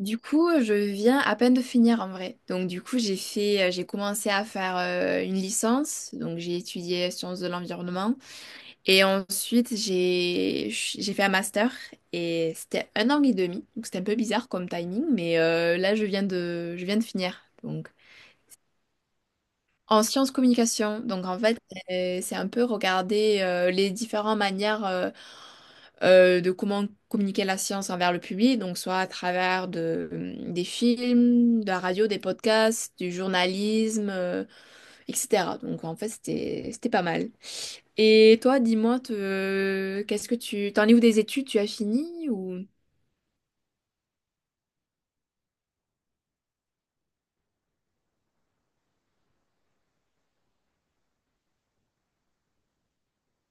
Du coup, je viens à peine de finir en vrai. Donc, du coup, j'ai fait, j'ai commencé à faire une licence. Donc, j'ai étudié sciences de l'environnement. Et ensuite, j'ai fait un master. Et c'était un an et demi. Donc, c'était un peu bizarre comme timing. Mais là, je viens de finir. Donc. En sciences communication, donc en fait, c'est un peu regarder les différentes manières de comment communiquer la science envers le public, donc soit à travers de, des films, de la radio, des podcasts, du journalisme, etc. Donc en fait, c'était pas mal. Et toi, dis-moi, qu'est-ce que tu... T'en es où des études? Tu as fini ou...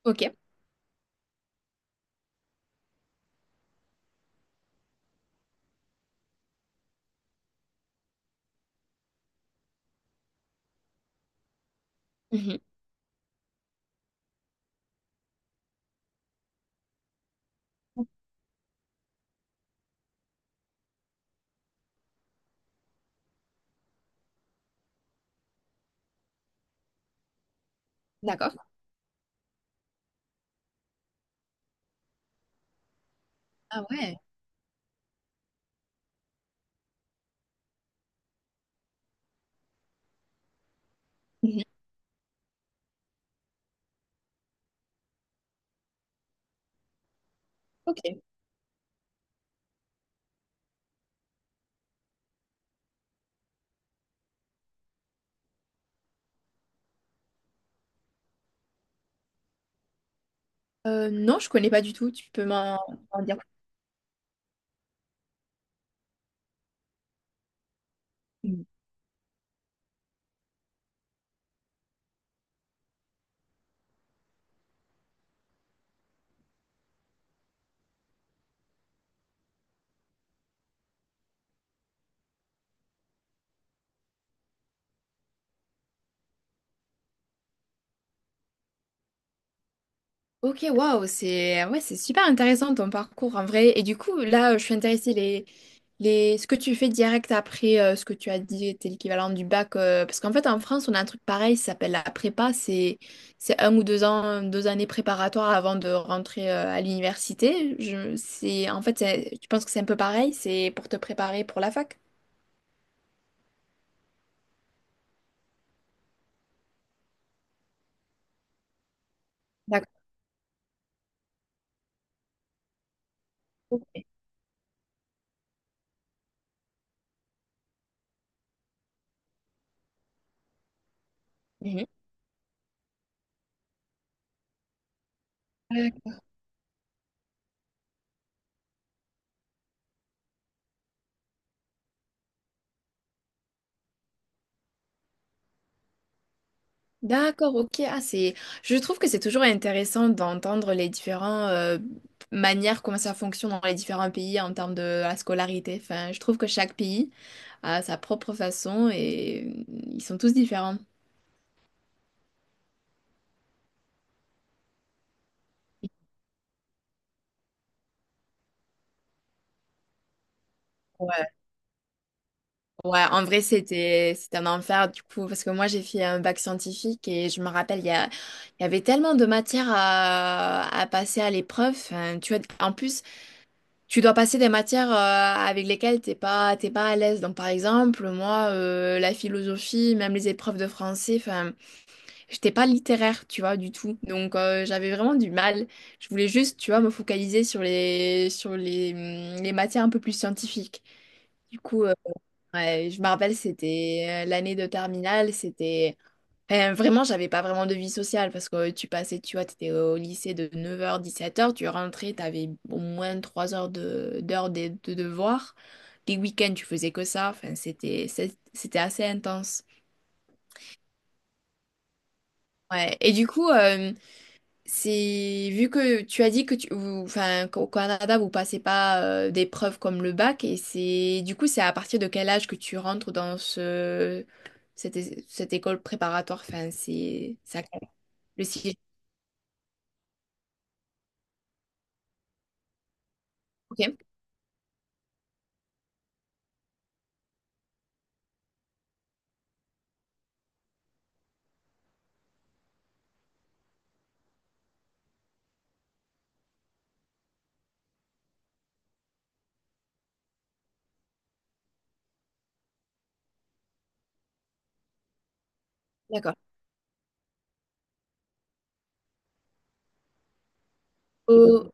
Ok. Mhm. D'accord. Ah ouais. Mhm. Ok. Non, je connais pas du tout. Tu peux m'en dire. Ok, waouh, c'est ouais, c'est super intéressant ton parcours en vrai. Et du coup, là, je suis intéressée les ce que tu fais direct après ce que tu as dit était l'équivalent du bac parce qu'en fait en France, on a un truc pareil, ça s'appelle la prépa, c'est 1 ou 2 ans, 2 années préparatoires avant de rentrer à l'université. Je c'est en fait, tu penses que c'est un peu pareil, c'est pour te préparer pour la fac? D'accord. Mhm. D'accord, ok. Ah, c'est... Je trouve que c'est toujours intéressant d'entendre les différentes manières, comment ça fonctionne dans les différents pays en termes de la scolarité. Enfin, je trouve que chaque pays a sa propre façon et ils sont tous différents. Ouais, ouais, en vrai, c'était un enfer du coup, parce que moi j'ai fait un bac scientifique et je me rappelle, il y avait tellement de matières à passer à l'épreuve. Enfin, tu vois, en plus, tu dois passer des matières avec lesquelles t'es pas à l'aise. Donc par exemple, moi, la philosophie, même les épreuves de français, enfin, j'étais pas littéraire, tu vois, du tout. Donc j'avais vraiment du mal. Je voulais juste, tu vois, me focaliser sur les matières un peu plus scientifiques. Du coup, ouais, je me rappelle, c'était l'année de terminale, c'était. Enfin, vraiment, j'avais pas vraiment de vie sociale parce que tu passais, tu vois, t'étais au lycée de 9h 17h tu rentrais, t'avais au moins 3 heures de devoirs. Les week-ends, tu faisais que ça. Enfin, c'était assez intense. Ouais. Et du coup, c'est vu que tu as dit que enfin, qu'au Canada, vous passez pas d'épreuves comme le bac, et c'est, du coup, c'est à partir de quel âge que tu rentres dans cette école préparatoire? Enfin, c'est, ça, le sixième. Ok, d'accord. Oh,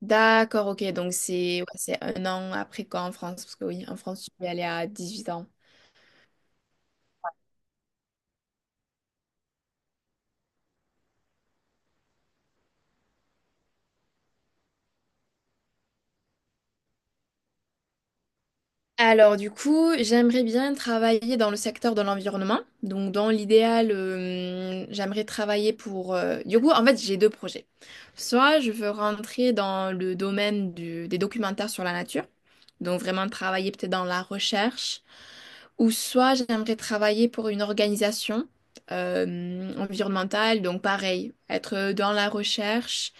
d'accord, ok. Donc c'est ouais, c'est un an après quoi en France? Parce que oui, en France, tu peux y aller à 18 ans. Alors du coup, j'aimerais bien travailler dans le secteur de l'environnement. Donc dans l'idéal, j'aimerais travailler pour... Du coup, en fait, j'ai deux projets. Soit je veux rentrer dans le domaine des documentaires sur la nature, donc vraiment travailler peut-être dans la recherche, ou soit j'aimerais travailler pour une organisation environnementale, donc pareil, être dans la recherche.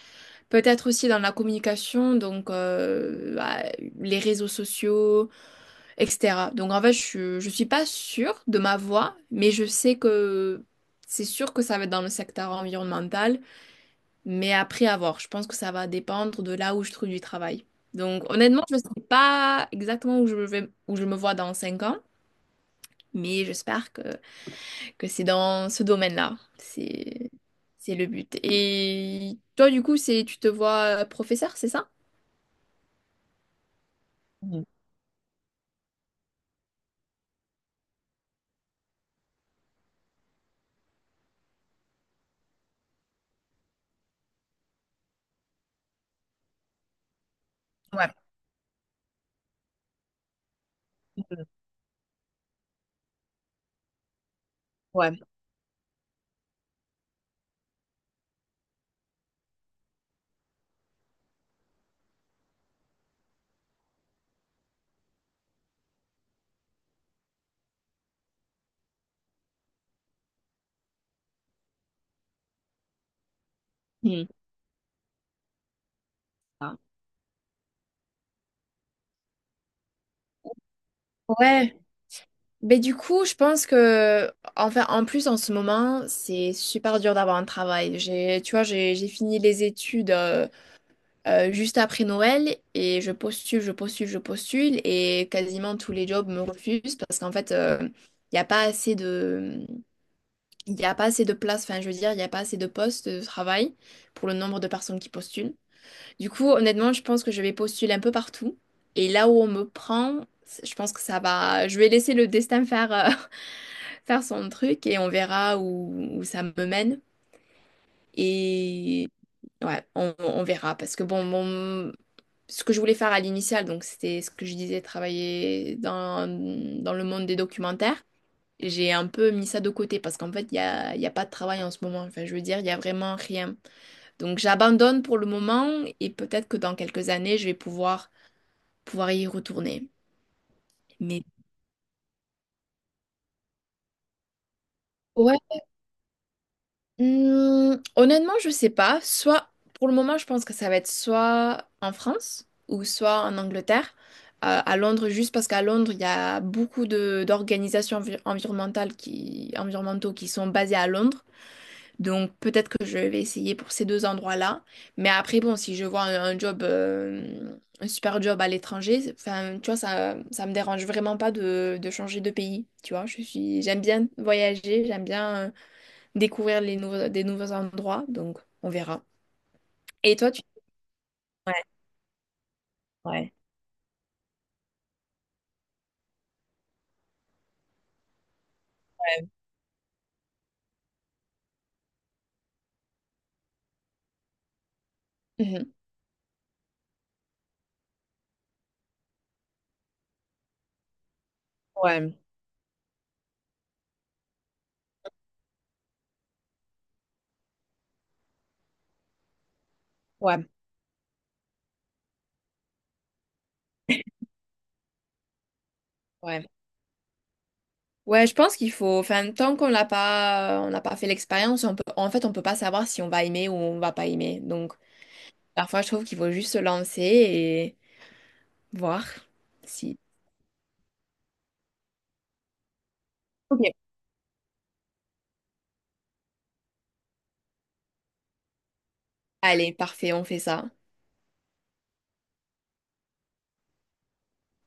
Peut-être aussi dans la communication, donc bah, les réseaux sociaux, etc. Donc en fait, je suis pas sûre de ma voie, mais je sais que c'est sûr que ça va être dans le secteur environnemental, mais après à voir. Je pense que ça va dépendre de là où je trouve du travail. Donc honnêtement, je ne sais pas exactement où je vais, où je me vois dans 5 ans, mais j'espère que c'est dans ce domaine-là. C'est le but. Et toi, du coup, c'est, tu te vois professeur, c'est ça? Mhm. Ouais. Mhm. Ouais. Mhm. Ah. Ouais, mais du coup, je pense que, enfin, en plus, en ce moment, c'est super dur d'avoir un travail. J'ai, tu vois, j'ai fini les études juste après Noël et je postule, je postule, je postule et quasiment tous les jobs me refusent parce qu'en fait, il n'y a pas assez de, il y a pas assez de place, enfin, je veux dire, il n'y a pas assez de postes de travail pour le nombre de personnes qui postulent. Du coup, honnêtement, je pense que je vais postuler un peu partout. Et là où on me prend, c'est- je pense que ça va. Je vais laisser le destin faire, faire son truc et on verra où ça me mène. Et ouais, on verra. Parce que bon, ce que je voulais faire à l'initial, donc c'était ce que je disais, travailler dans le monde des documentaires. J'ai un peu mis ça de côté parce qu'en fait, il y a pas de travail en ce moment. Enfin, je veux dire, il n'y a vraiment rien. Donc j'abandonne pour le moment et peut-être que dans quelques années, je vais pouvoir y retourner. Mais ouais, honnêtement, je sais pas. Soit pour le moment, je pense que ça va être soit en France ou soit en Angleterre. À Londres, juste parce qu'à Londres, il y a beaucoup de d'organisations environnementales qui, environnementaux qui sont basées à Londres. Donc peut-être que je vais essayer pour ces deux endroits-là. Mais après, bon, si je vois un job, un super job à l'étranger, c'est- enfin, tu vois, ça me dérange vraiment pas de changer de pays. Tu vois, j'aime bien voyager, j'aime bien découvrir des nouveaux endroits. Donc on verra. Et toi, tu... Ouais, Mhm. ouais, ouais, ouais. Ouais, je pense qu'il faut, enfin, tant qu'on l'a pas, on n'a pas fait l'expérience, on peut, en fait, on peut pas savoir si on va aimer ou on va pas aimer. Donc, parfois, je trouve qu'il faut juste se lancer voir si. Ok. Allez, parfait, on fait ça.